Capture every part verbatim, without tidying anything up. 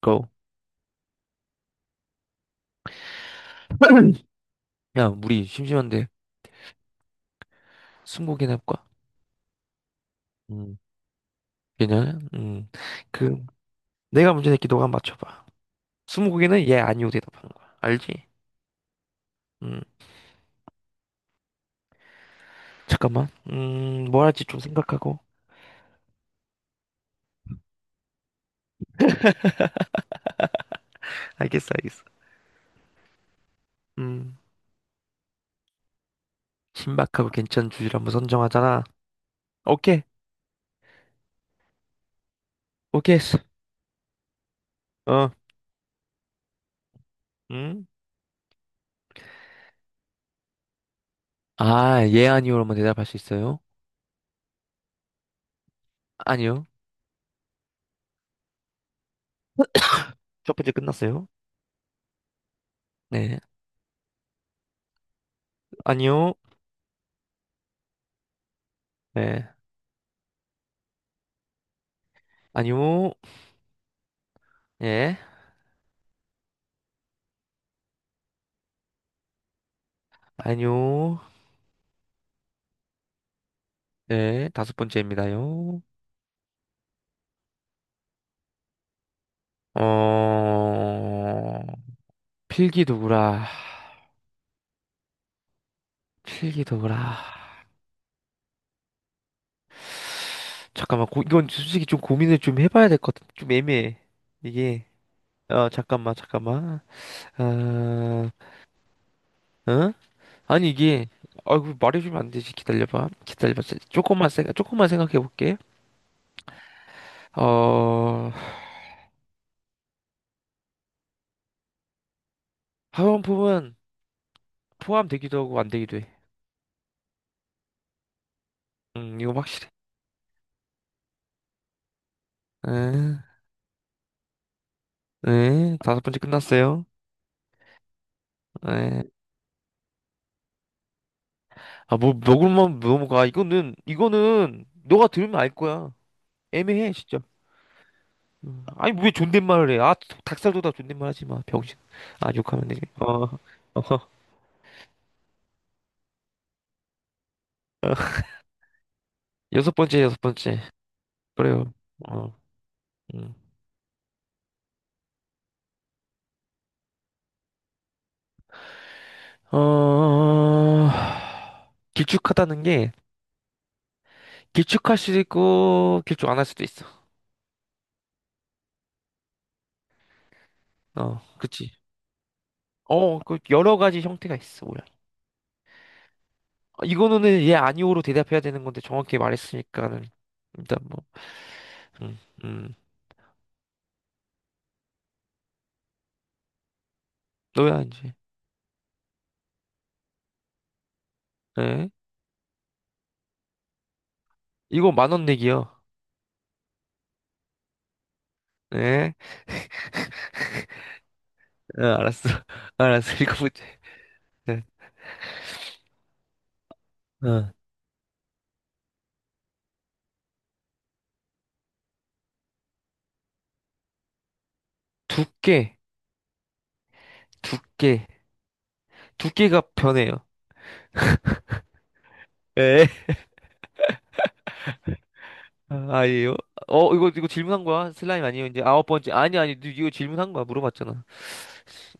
고. 야, 우리 심심한데 스무고개나 해볼까? 음, 괜찮아? 음, 그 내가 문제 낼게 너가 한번 맞춰봐. 스무고개는 예, 아니오 대답하는 거야. 알지? 음, 잠깐만. 음, 뭐 할지 좀 생각하고. 알겠어, 알겠어. 음, 신박하고 괜찮은 주제를 한번 선정하잖아. 오케이, 오케이 했어. 어, 음? 아, 예, 아니오로만 대답할 수 있어요? 아니요. 첫 번째 끝났어요. 네, 아니요. 네, 아니요. 예, 아니요. 네, 다섯 번째입니다요. 어, 필기도구라. 필기도구라. 잠깐만, 고, 이건 솔직히 좀 고민을 좀 해봐야 될 것 같아. 좀 애매해. 이게, 어, 잠깐만, 잠깐만. 어, 어? 아니, 이게, 아이고, 말해주면 안 되지. 기다려봐. 기다려봐. 세- 조금만, 생, 조금만 생각해볼게. 어, 화장품은 포함되기도 하고 안 되기도 해. 음, 이건 확실해. 에, 에, 다섯 번째 끝났어요. 에. 아, 뭐, 먹을만 넘어가. 이거는, 이거는, 너가 들으면 알 거야. 애매해, 진짜. 음. 아니, 왜 존댓말을 해? 아, 닭살도 다 존댓말 하지 마. 병신. 아, 욕하면 되지. 어, 어. 여섯 번째, 여섯 번째. 그래요. 어, 음. 어, 길쭉하다는 게, 길쭉할 수도 있고, 길쭉 안 할 수도 있어. 어, 그치. 어, 그, 여러 가지 형태가 있어, 모양. 어, 이거는 예, 아니오로 대답해야 되는 건데, 정확히 말했으니까는, 일단 뭐, 음, 음. 너야, 이제. 네. 이거 만원 내기요. 네. 어, 알았어. 알았어. 이거 문제. 네. 어. 두께, 두께, 두께가 변해요. 예. 아, 아니에요? 어, 이거, 이거 질문한 거야? 슬라임 아니에요? 이제 아홉 번째. 아니, 아니, 너 이거 질문한 거야? 물어봤잖아.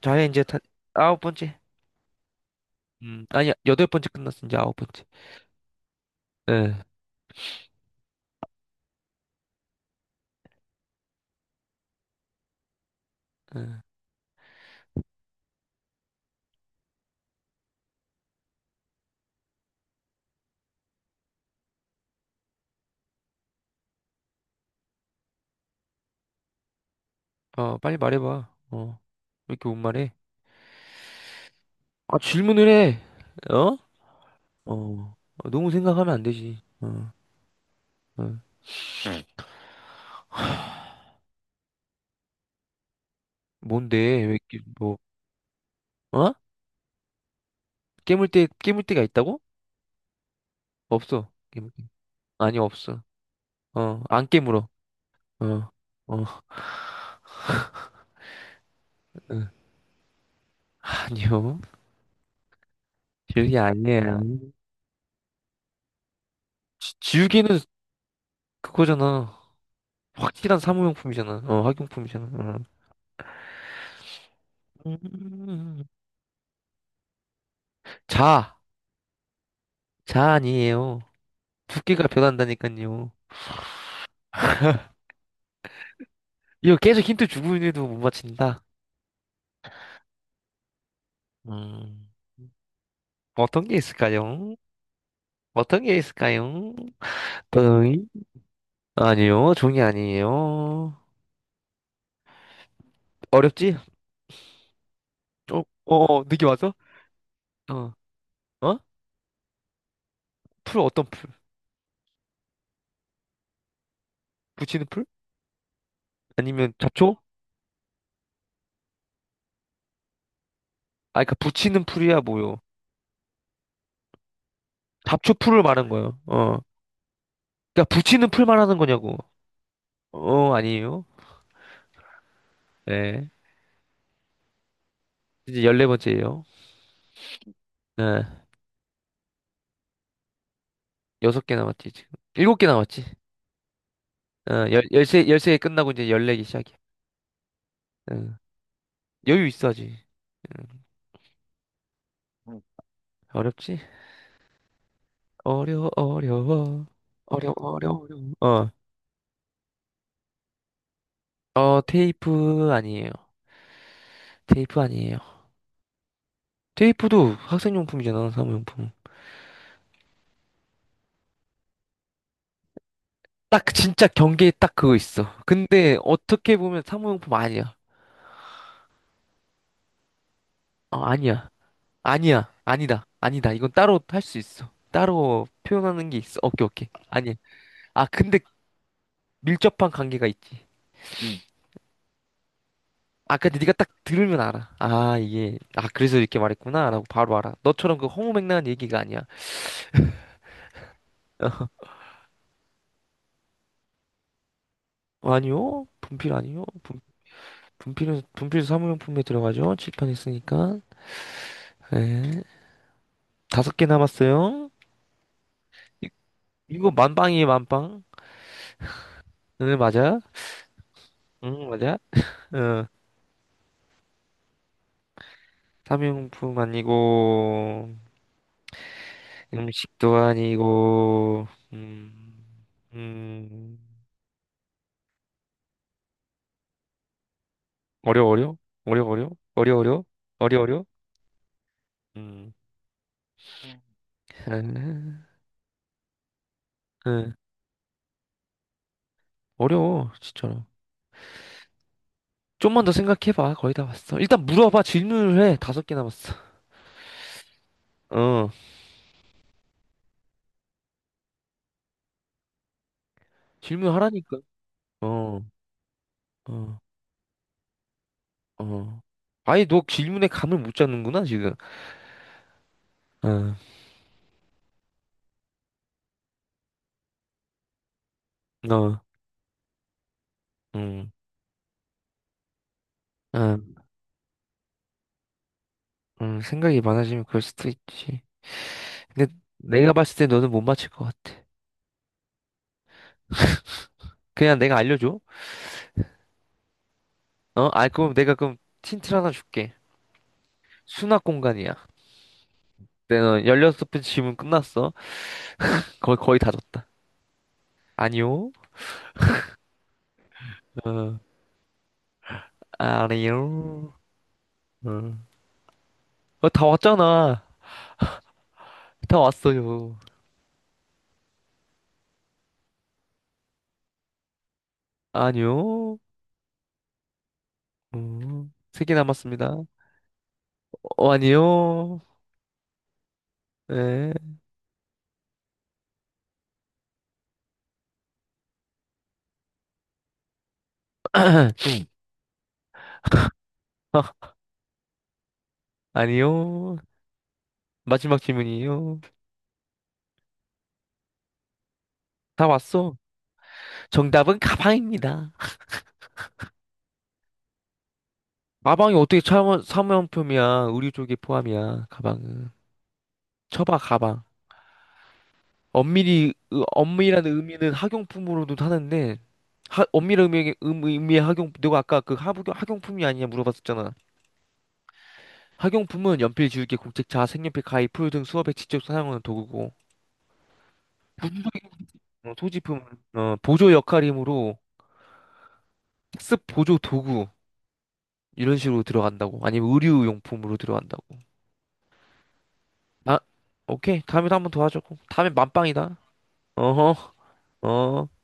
자, 이제 다, 아홉 번째. 음, 아니, 여덟 번째 끝났어. 이제 아홉 번째. 예. 예. 어, 빨리 말해봐. 어. 왜 이렇게 못 말해? 아, 질문을 해. 어? 어. 어, 너무 생각하면 안 되지. 어. 어. 뭔데? 왜, 이렇게 뭐, 어? 깨물 때, 깨물 때가 있다고? 없어. 깨물 때. 아니, 없어. 어, 안 깨물어. 어, 어, 아니요. 지우개 아니에요. 지, 지우개는 그거잖아. 확실한 사무용품이잖아. 어, 학용품이잖아. 어. 음. 자, 자 아니에요. 두께가 변한다니까요. 이거 계속 힌트 주고 있는데도 못 맞힌다. 음. 어떤 게 있을까요? 어떤 게 있을까요? 이 아니요, 종이 아니에요. 어렵지? 어, 어, 느낌 왔어? 어, 어? 풀 어떤 풀? 붙이는 풀? 아니면 잡초? 아, 그니까 붙이는 풀이야 뭐요? 잡초 풀을 말한 거예요. 어, 그니까 붙이는 풀 말하는 거냐고? 어, 아니에요. 네, 이제 열네 번째예요. 네, 여섯 개 남았지 지금. 일곱 개 남았지. 어, 열 열세 열세 개 끝나고 이제 열네 개 시작이야. 응, 여유 있어야지. 응, 음. 어렵지? 어려 어려워 어려워 어려워. 어려워. 어, 어 테이프 아니에요. 테이프 아니에요. 테이프도 학생용품이잖아, 사무용품. 딱 진짜 경계에 딱 그거 있어. 근데 어떻게 보면 사무용품 아니야. 어, 아니야. 아니야. 아니다. 아니다. 이건 따로 할 수 있어. 따로 표현하는 게 있어. 오케이, 오케이. 아니. 아, 근데 밀접한 관계가 있지. 응. 아까 네가 딱 들으면 알아. 아, 이게 아, 그래서 이렇게 말했구나라고 바로 알아. 너처럼 그 허무맹랑한 얘기가 아니야. 어, 아니요. 분필 아니요. 분, 분필은 분필 사무용품에 들어가죠. 칠판 있으니까. 네. 다섯 개 남았어요. 이거 만빵이에요, 만빵. 응, 맞아? 응, 맞아? 응. 사무용품 아니고, 음식도 아니고, 음, 음, 어려, 어려? 어려, 어려? 어려, 어려? 어려, 어려? 음, 아, 응, 어려워, 진짜로. 좀만 더 생각해봐, 거의 다 왔어. 일단 물어봐, 질문을 해. 다섯 개 남았어. 어, 질문하라니까. 어, 어, 어. 아예 너 질문에 감을 못 잡는구나, 지금. 어, 너, 음. 어. 음, 생각이 많아지면 그럴 수도 있지. 근데 내가 봤을 때 너는 못 맞힐 것 같아. 그냥 내가 알려줘. 어? 아, 그럼 내가 그럼 힌트를 하나 줄게. 수납 공간이야. 내가 십육 번 질문 끝났어. 거의, 거의 다 줬다. 아니요. 어, 아니요. 어, 어, 다 왔잖아. 다 왔어요. 아니요. 어, 세개 남았습니다. 어, 아니요. 네. 어, 아니요. 마지막 질문이에요. 다 왔어. 정답은 가방입니다. 가방이 어떻게 원 사무용품이야? 의류 쪽에 포함이야, 가방은. 쳐봐, 가방. 엄밀히, 으- 엄밀한 의미는 학용품으로도 하는데, 하, 엄밀한 의미, 의미- 의미의 학용, 내가 아까 그 하- 학용품이 아니냐 물어봤었잖아. 학용품은 연필, 지우개, 공책자, 색연필, 가위, 풀 등 수업에 직접 사용하는 도구고, 어, 소지품은 어, 보조 역할이므로 학습 보조 도구 이런 식으로 들어간다고. 아니면 의류용품으로 들어간다고. 아, 오케이. 다음에 한번 더 하자고. 다음에 만빵이다. 어허, 어.